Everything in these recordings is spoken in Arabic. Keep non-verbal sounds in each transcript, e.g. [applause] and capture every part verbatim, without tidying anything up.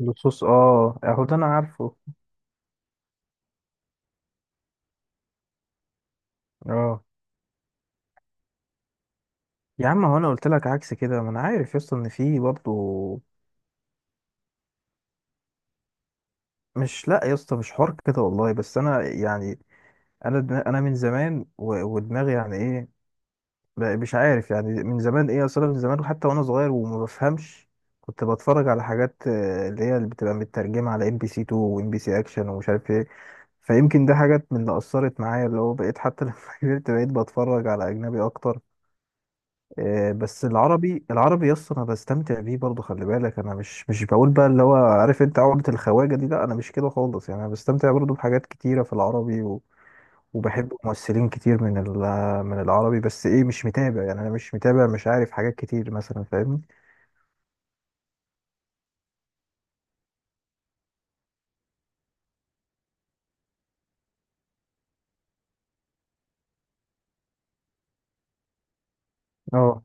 اللصوص، اه، اهو ده انا عارفه. اه، يا عم هو انا قلت لك عكس كده، ما انا عارف يا اسطى ان في برضه. مش لا يا اسطى، مش حوار كده والله، بس انا يعني. انا دم- انا من زمان و- ودماغي يعني ايه. ب- مش عارف يعني من زمان ايه اصلا، من زمان وحتى وانا صغير وما بفهمش كنت بتفرج على حاجات، آه، اللي هي اللي بتبقى مترجمه على ام بي سي تو وام بي سي اكشن ومش عارف ايه. فيمكن ده حاجات من اللي اثرت معايا، اللي هو بقيت حتى [laughs] لما كبرت بقيت بتفرج على اجنبي اكتر. آه، بس العربي العربي، يس انا بستمتع بيه برضه. خلي بالك انا مش مش بقول بقى اللي هو، عارف انت عقدة الخواجة دي، لا انا مش كده خالص، يعني انا بستمتع برضه بحاجات كتيرة في العربي و... وبحب ممثلين كتير من ال... من العربي. بس ايه، مش متابع يعني، انا مش متابع، مش عارف حاجات كتير مثلا، فاهمني. اه.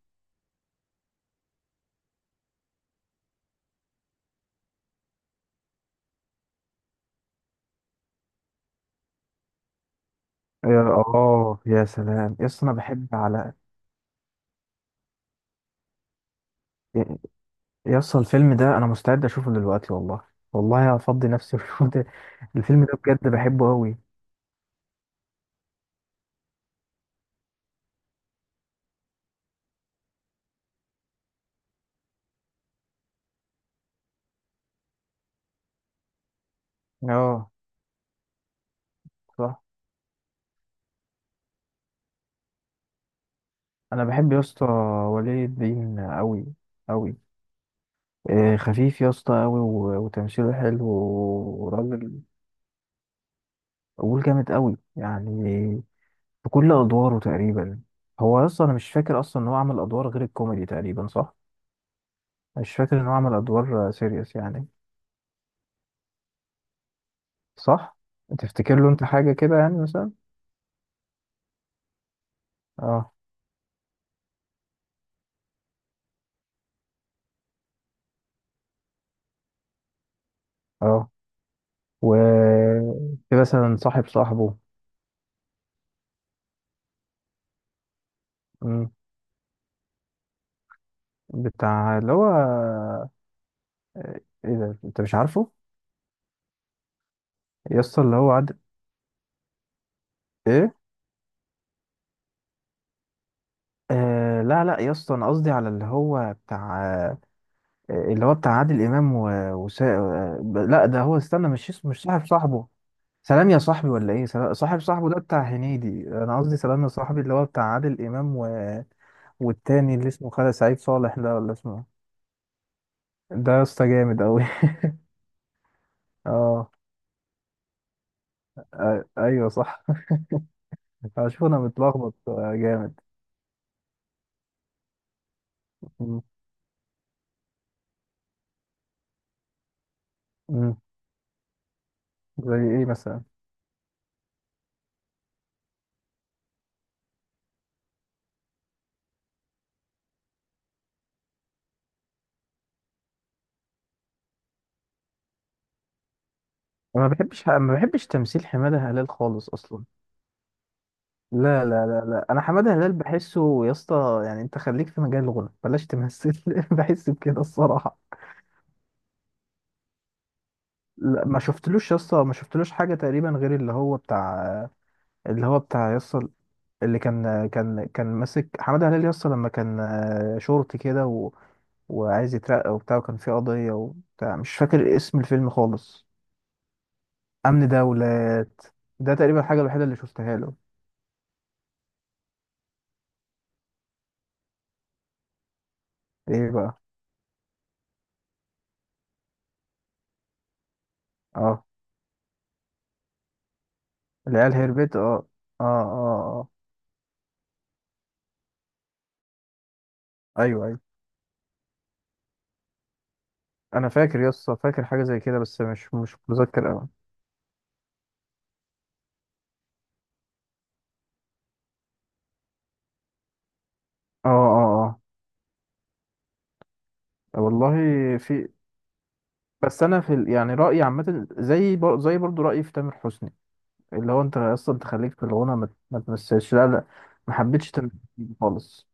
يا اه يا سلام، يس انا بحب على. يس الفيلم ده انا مستعد اشوفه دلوقتي والله. والله هفضي نفسي [laughs] واشوف ده. الفيلم ده بجد بحبه قوي. اه، صح. انا بحب يا اسطى ولي الدين قوي. قوي. إيه، خفيف يا اسطى قوي. وتمثيله حلو وراجل. قول جامد قوي يعني، في كل ادواره تقريبا. هو يا اسطى، انا مش فاكر اصلا ان هو عمل ادوار غير الكوميدي تقريبا، صح؟ مش فاكر ان هو عمل ادوار سيريس يعني. صح. تفتكر له انت حاجه كده يعني مثلا؟ اه. اه. و. في مثلا صاحب صاحبه. مم. بتاع اللي هو، آه، ايه ده انت مش عارفه؟ يا اسطى اللي هو عاد. ايه. آه، لا لا يا اسطى، انا قصدي على اللي هو بتاع آه اللي هو بتاع عادل امام و... وسا... آه ب- لا ده هو، استنى، مش اسمه، مش صاحب صاحبه. سلام يا صاحبي ولا ايه؟ سلا- صاحب صاحبه ده بتاع هنيدي، انا قصدي سلام يا صاحبي اللي هو بتاع عادل امام و... والتاني اللي اسمه خالد سعيد صالح ده، ولا اسمه إيه؟ ده يا اسطى جامد قوي [laughs] اه، آه، ايوه، صح. [laughs] اشوف انا متلخبط، آه، جامد. مم. مم. زي ايه مثلا؟ ما بحبش ما بحبش تمثيل حماده هلال خالص اصلا. لا لا لا لا، انا حماده هلال بحسه يا اسطى، يعني انت خليك في مجال الغنى، بلاش تمثل [laughs] بحس بكده الصراحه. لا ما شفتلوش يا اسطى، ما شفتلوش حاجه تقريبا غير اللي هو بتاع، اللي هو بتاع يا اسطى اللي كان كان كان ماسك حماده هلال يا اسطى، لما كان آه، شرطي كده و... وعايز يترقى وبتاع، وكان في قضيه وبتاع، مش فاكر اسم الفيلم خالص. امن دولات، ده تقريبا الحاجه الوحيده اللي شفتها له. ايه بقى؟ اه، العيال هربت. اه، اه، اه، آه. ايوه، أيوة. انا فاكر يا اسطى، فاكر حاجه زي كده بس مش مش متذكر قوي. اه، اه، اه، والله في. بس انا في ال- يعني رايي عامه، زي بر... زي برضو رايي في تامر حسني، اللي هو انت يا اسطى، انت خليك في الغنى، ما ما تمثلش، لا لا. ما حبيتش تامر حسني خالص.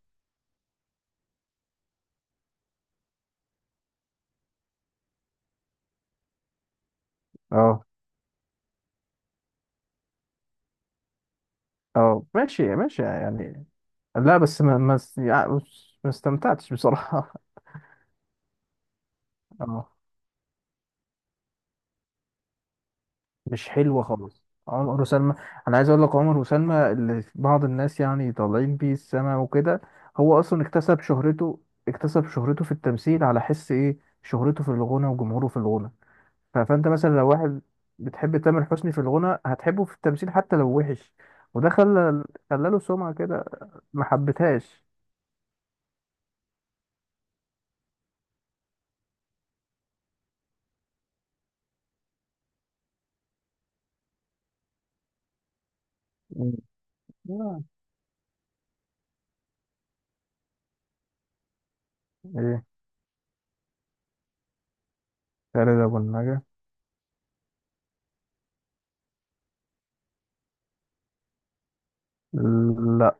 اه، اه، ماشي ماشي يعني. لا بس ما ما است- يعني بص، ما استمتعتش بصراحه. [laughs] اه. مش حلوة خالص عمر وسلمى. أنا عايز أقول لك عمر وسلمى اللي بعض الناس يعني طالعين بيه السما وكده. هو أصلا اكتسب شهرته، اكتسب شهرته في التمثيل على حس إيه؟ شهرته في الغنى وجمهوره في الغنى. ف- فأنت مثلا لو واحد بتحب تامر حسني في الغنى هتحبه في التمثيل حتى لو وحش. وده خلى، خلى له سمعة كده. ما حبتهاش. مم. آه. إيه. خالد أبو النجا. لا.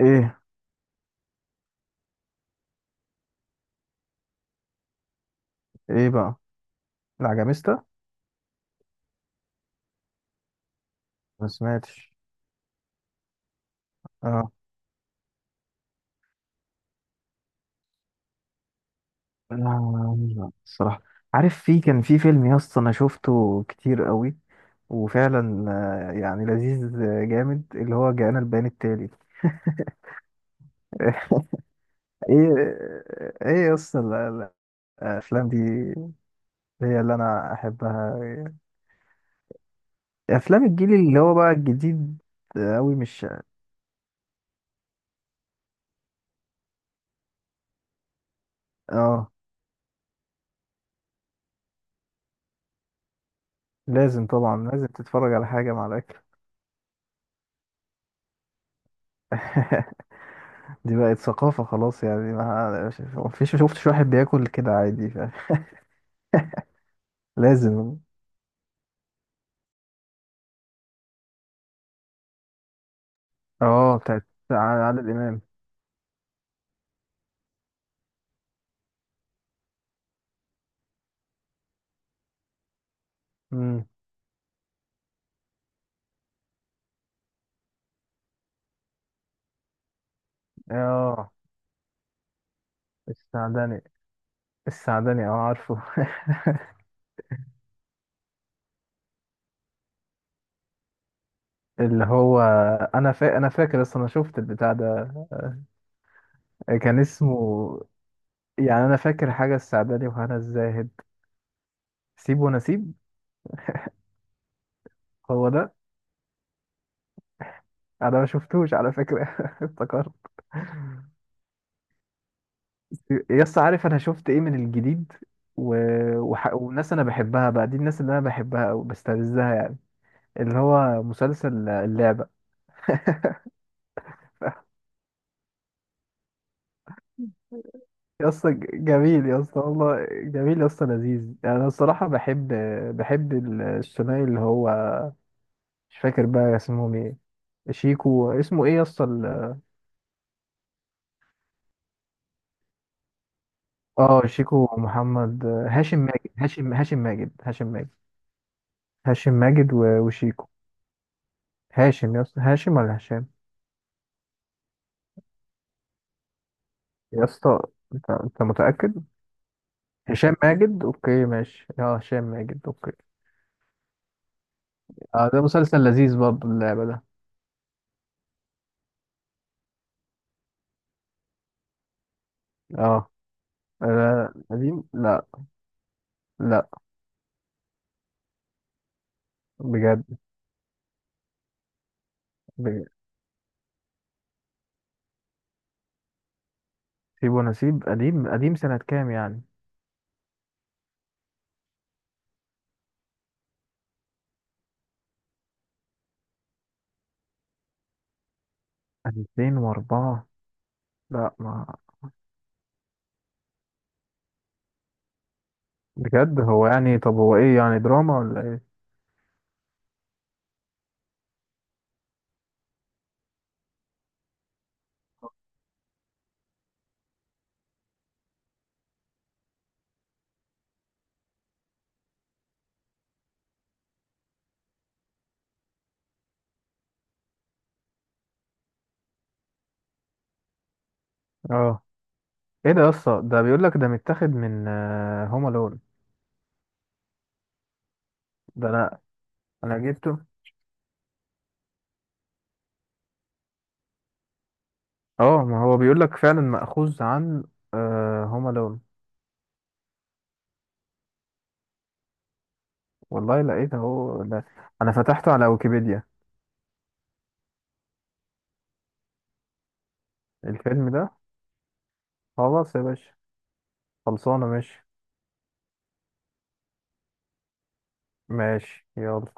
إيه. إيه بقى؟ العجميستا. ما سمعتش. آه. آه، الصراحة. عارف في، كان في فيلم يا اسطى انا شفته كتير قوي وفعلا آه، يعني لذيذ، آه، جامد، اللي هو جاءنا البيان التالي [laughs] ايه. ايه يا اسطى، ال- ال- الافلام دي هي اللي انا احبها. افلام الجيل اللي هو بقى الجديد. قوي، مش. اه، لازم طبعا، لازم تتفرج على حاجة مع الاكل [laughs] دي بقت ثقافة خلاص يعني، ما ما فيش شفتش واحد بياكل كده عادي، فلازم. اه، بتاعت ع- عادل امام. امم. اه. السعداني. السعداني، اه، عارفه [laughs] اللي هو، انا فا... انا فاكر اصلا انا شفت البتاع ده. كان اسمه، يعني انا فاكر حاجه السعداني وهنا الزاهد. سيب ونسيب. هو ده. انا ما شفتوش على فكره [laughs] افتكرت. يس عارف انا شفت ايه من الجديد؟ و... وح... والناس انا بحبها بقى، دي الناس اللي انا بحبها او بستلذها يعني، اللي هو مسلسل اللعبه. يا اسطى جميل، يا اسطى والله جميل يا اسطى، لذيذ يعني انا الصراحه بحب، بحب ال- الثنائي اللي هو، مش فاكر بقى اسمهم ايه. شيكو، اسمه ايه يا اسطى ال- اه شيكو محمد هاشم ماجد هاشم هاشم ماجد هاشم ماجد. هاشم ماجد و- وشيكو. هاشم يا اسطى، هاشم ولا هشام؟ يا اسطى، انت انت متاكد؟ هشام ماجد، اوكي، ماشي، اه، هشام ماجد اوكي. اه ده مسلسل لذيذ برضه اللعبه ده. اه، آه، قديم، لا. لا، بجد. بجد. سيب ونسيب قديم قديم سنة كام يعني؟ ألفين وأربعة. لا، ما، بجد هو يعني، طب هو ايه يعني، دراما ولا ايه؟ اه، ايه ده يا اسطى، ده بيقول لك ده متاخد من هوم الون. ده انا انا جبته. اه ما هو بيقول لك فعلا مأخوذ عن هوم الون. والله لقيت اهو ده. انا فتحته على ويكيبيديا. الفيلم ده، خلاص يا باشا، خلصانه، ماشي. ماشي يلا.